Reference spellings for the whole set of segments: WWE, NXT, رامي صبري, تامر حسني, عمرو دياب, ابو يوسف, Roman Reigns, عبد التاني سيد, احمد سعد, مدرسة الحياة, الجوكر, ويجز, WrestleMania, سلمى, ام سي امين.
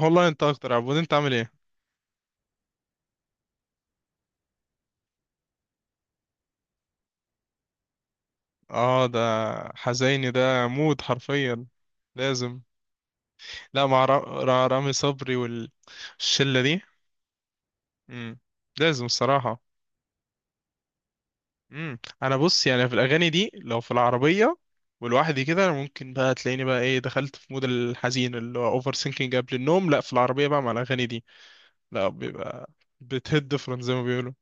والله انت اكتر يا عبود، انت عامل ايه؟ اه، ده حزيني ده موت حرفيا. لازم. لا، مع رامي صبري والشلة دي. امم لازم الصراحة. انا بص يعني في الاغاني دي لو في العربية ولوحدي كده، ممكن بقى تلاقيني بقى ايه، دخلت في مود الحزين اللي هو اوفر سينكينج قبل النوم. لا، في العربية بقى مع الاغاني دي لا بيبقى بتهد فرن زي ما بيقولوا.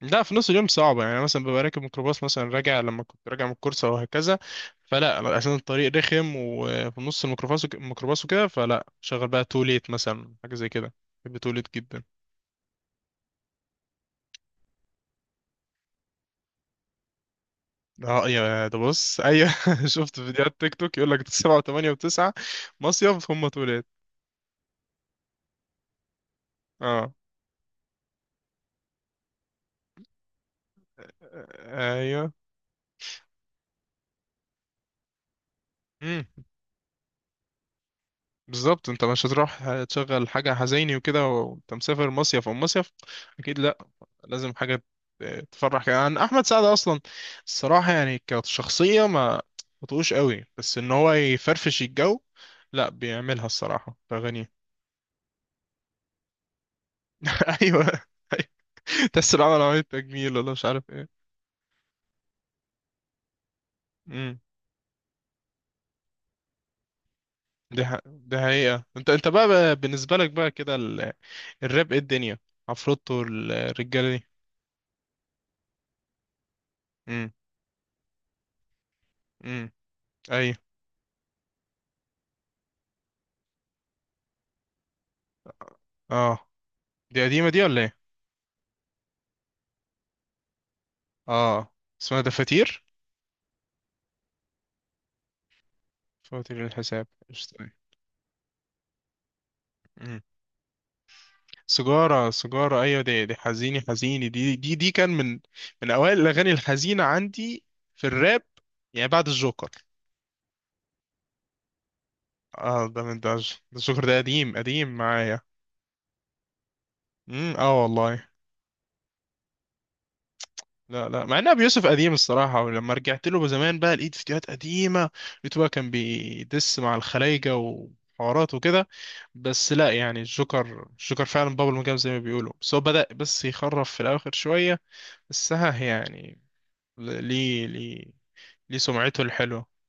لا، في نص اليوم صعبة يعني. أنا مثلا ببقى راكب ميكروباص مثلا راجع، لما كنت راجع من الكورس أو هكذا، فلا أنا عشان الطريق رخم وفي نص الميكروباص الميكروباص وكده، فلا شغل بقى توليت مثلا حاجة زي كده. بحب توليت جدا. اه يا ده، بص، ايوه شفت فيديوهات تيك توك يقول لك سبعة وثمانية وتسعة مصيف هم توليت. اه. ايوه. امم بالظبط، انت مش هتروح تشغل حاجة حزيني وكده وانت مسافر مصيف او مصيف. اكيد لازم حاجة تفرح. كمان احمد سعد اصلا الصراحة يعني كشخصية ما بطقوش قوي، بس ان هو يفرفش الجو لا بيعملها الصراحة في اغانيه. ايوه. أيوة. تحس إنه عمل عملية تجميل ولا مش عارف ايه. امم دي حقيقة. انت بقى، بالنسبة لك بقى كده الراب، ايه الدنيا؟ عفروتو الرجالة دي. امم امم اي. اه. دي قديمة دي ولا ايه؟ اه، اسمها دفاتير. فواتير الحساب، قشطة. سجارة، سجارة، أيوة، دي دي حزيني، حزيني دي كان من من أوائل الأغاني الحزينة عندي في الراب، يعني بعد الجوكر. اه، ده من ده ده الجوكر ده قديم، قديم معايا. اه والله. لا لا، مع ان ابو يوسف قديم الصراحه، ولما رجعت له زمان بقى لقيت فيديوهات قديمه، لقيته بقى كان بيدس مع الخلايجه وحوارات وكده. بس لا يعني الجوكر الجوكر فعلا بابل مجام زي ما بيقولوا، بس هو بدأ بس يخرف في الاخر شويه. بس ها يعني ليه، ليه سمعته الحلوة.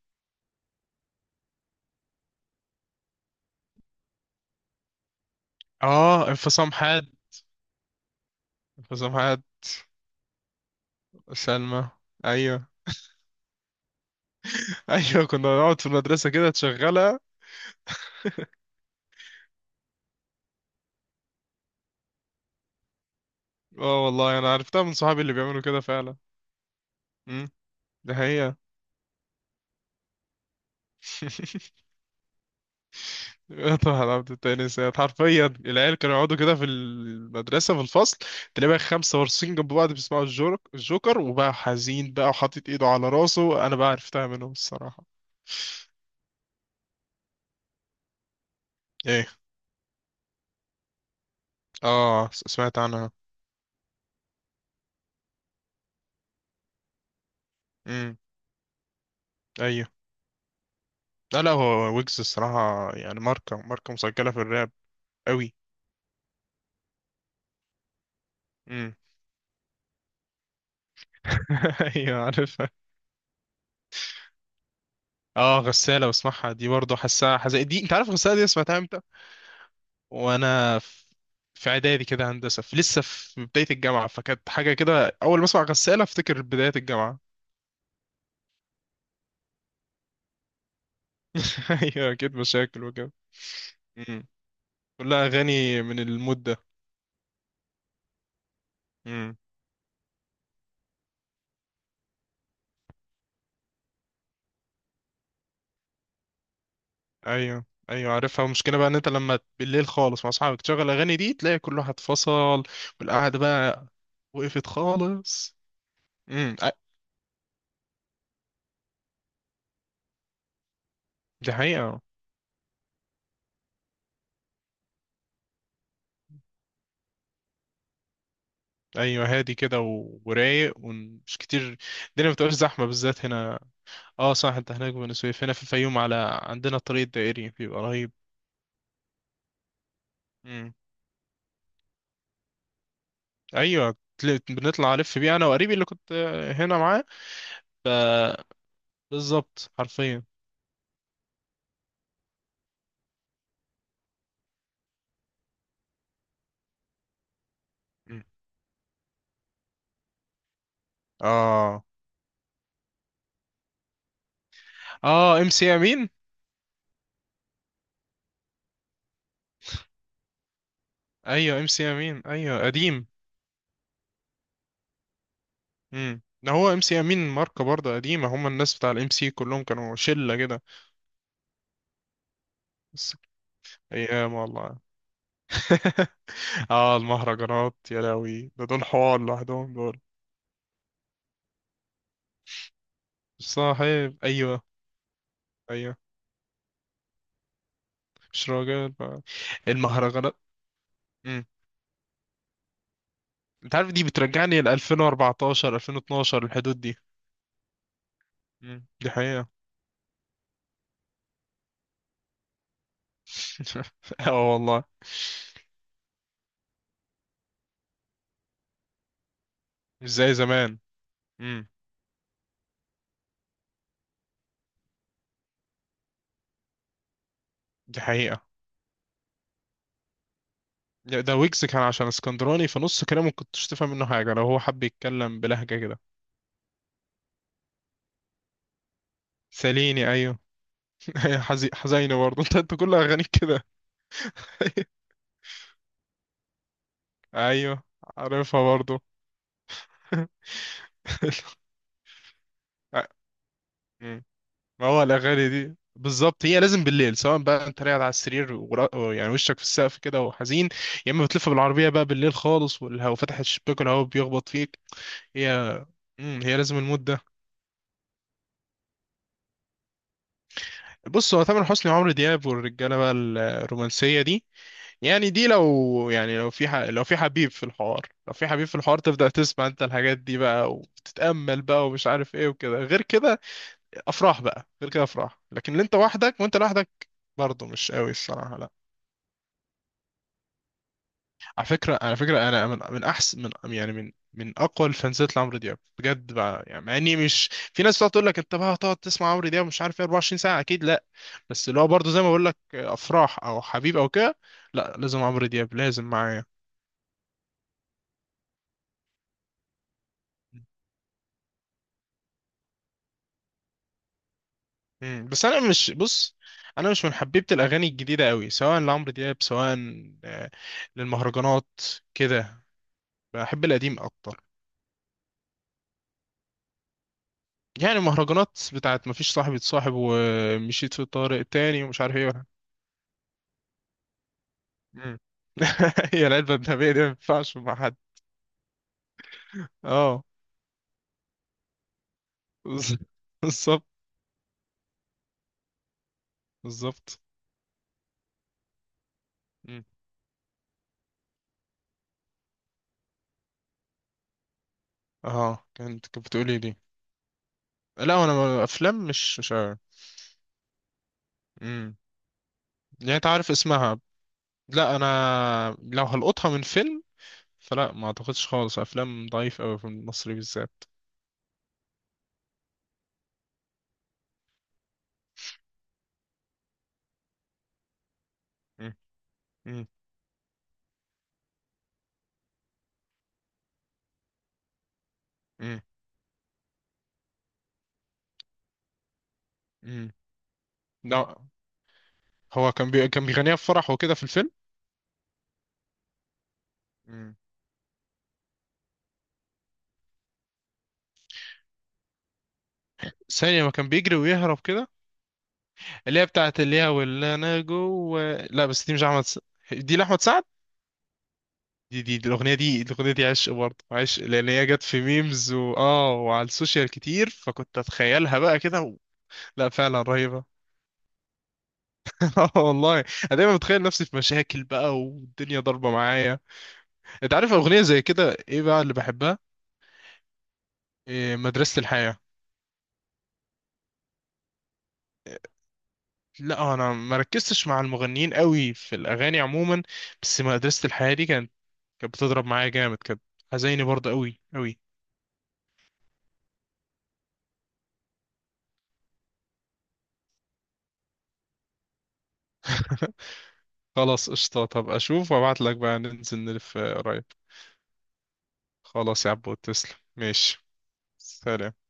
اه، انفصام حاد. انفصام حاد. سلمى. ايوه. ايوه، كنا نقعد في المدرسة كده تشغلها. اه والله، انا عرفتها من صحابي اللي بيعملوا كده فعلا. امم ده هي. طبعا عبد التاني سيد. حرفيا العيال كانوا يقعدوا كده في المدرسة في الفصل، تلاقي بقى خمسة وارصين جنب بعض بيسمعوا الجورك الجوكر وبقى حزين بقى وحاطط ايده على راسه. انا بقى عرفتها منهم الصراحة. ايه. اه، سمعت عنها. امم ايوه. لا لا، هو ويجز الصراحة يعني ماركة مسجلة في الراب. قوي. امم ايوه عارفها. اه، غسالة بسمعها دي برضه، حاسها حزق دي. انت عارف غسالة دي سمعتها امتى؟ وانا في في اعدادي كده، هندسة، في لسه في بداية الجامعة، فكانت حاجة كده، اول ما اسمع غسالة افتكر بداية الجامعة. ايوه اكيد، مشاكل وكده. امم كلها اغاني من المود ده. امم ايوه، ايوه عارفها. المشكلة بقى ان انت لما بالليل خالص مع اصحابك تشغل الاغاني دي تلاقي كل واحد فصل والقعدة بقى وقفت خالص. امم أ- دي حقيقة. ايوه هادي كده ورايق ومش كتير، الدنيا ما بتبقاش زحمه بالذات هنا. اه صح، انت هناك في بني سويف، هنا في الفيوم على عندنا الطريق الدائري بيبقى رهيب. امم ايوه، بنطلع الف بيه انا وقريبي اللي كنت هنا معاه، ف بالظبط حرفيا. مم. اه. اه، ام سي امين. ايوه ام سي امين، ايوه قديم. ده هو ام سي امين، ماركه برضه قديمه. هم الناس بتاع الام سي كلهم كانوا شله كده بس. ايام والله. اه، المهرجانات يا لهوي، ده دول حوار لوحدهم دول. صاحب، ايوه. ايوه. مش راجل، المهرجانات. امم انت عارف دي بترجعني ل 2014 2012 الحدود دي. دي حقيقة. اه والله. مش زي زمان. امم دي حقيقة. ده ده ويجز كان عشان اسكندراني، فنص كلامه ما كنتش تفهم منه حاجة لو هو حب يتكلم بلهجة كده. ساليني، ايوه. حزينة برضه. انت كل اغانيك كده. ايوه، عارفها برضه. آه، مم. ما هو الأغاني دي بالظبط هي لازم بالليل، سواء بقى انت قاعد على السرير يعني وشك في السقف كده وحزين، يا اما بتلف بالعربية بقى بالليل خالص والهواء، فتح الشباك والهواء بيخبط فيك. هي، مم. هي لازم المود ده. بص، هو تامر حسني وعمرو دياب والرجالة بقى الرومانسية دي، يعني دي لو يعني لو في لو في حبيب في الحوار، لو في حبيب في الحوار تبدأ تسمع انت الحاجات دي بقى، وتتأمل بقى ومش عارف ايه وكده. غير كده افراح بقى. غير كده افراح. لكن اللي انت وحدك وانت لوحدك برضه مش قوي الصراحه، لا. على فكره، على فكره، انا من احسن من يعني من اقوى الفانزات لعمرو دياب بجد بقى، يعني مع اني مش، في ناس بتقعد تقول لك انت بقى هتقعد تسمع عمرو دياب مش عارف ايه 24 ساعه، اكيد لا. بس اللي هو برضه زي ما بقول لك افراح او حبيب او كده، لا لازم عمرو دياب لازم معايا. بس انا مش بص انا مش من حبيبه الاغاني الجديده قوي، سواء لعمرو دياب سواء آه، للمهرجانات كده. بحب القديم اكتر. يعني مهرجانات بتاعت مفيش صاحب يتصاحب ومشيت في طارق تاني ومش عارف ايه ولا. مم. هي العلبة الذهبية دي ما ينفعش مع حد. اه. بز- بالظبط. بالظبط. مم. اه، كانت كانت بتقولي دي. لا انا افلام مش عارف. مم. يعني انت عارف اسمها؟ لا، انا لو هلقطها من فيلم فلا، ما اعتقدش خالص، افلام ضعيف قوي في المصري بالذات. مم. مم. مم. مم. لا، هو كان كان بيغنيها في فرح وكده في الفيلم. ثانية، ما كان بيجري ويهرب كده، اللي هي بتاعت اللي هي واللي انا جوه. لا بس دي مش دي لاحمد سعد. دي، الاغنية دي عشق برضه، عشق، لان هي جت في ميمز و... اه، وعلى السوشيال كتير، فكنت اتخيلها بقى كده و... لا، فعلا رهيبة. اه والله انا دايما بتخيل نفسي في مشاكل بقى والدنيا ضاربة معايا. انت عارف اغنية زي كده ايه بقى اللي بحبها؟ إيه؟ مدرسة الحياة. لا انا ما ركزتش مع المغنيين قوي في الاغاني عموما، بس مدرسة الحياة دي كانت بتضرب معايا جامد، كانت حزيني برضه قوي قوي. خلاص قشطة، طب اشوف وابعت لك بقى ننزل نلف، قريب. خلاص يا عبود، تسلم، ماشي. سلام.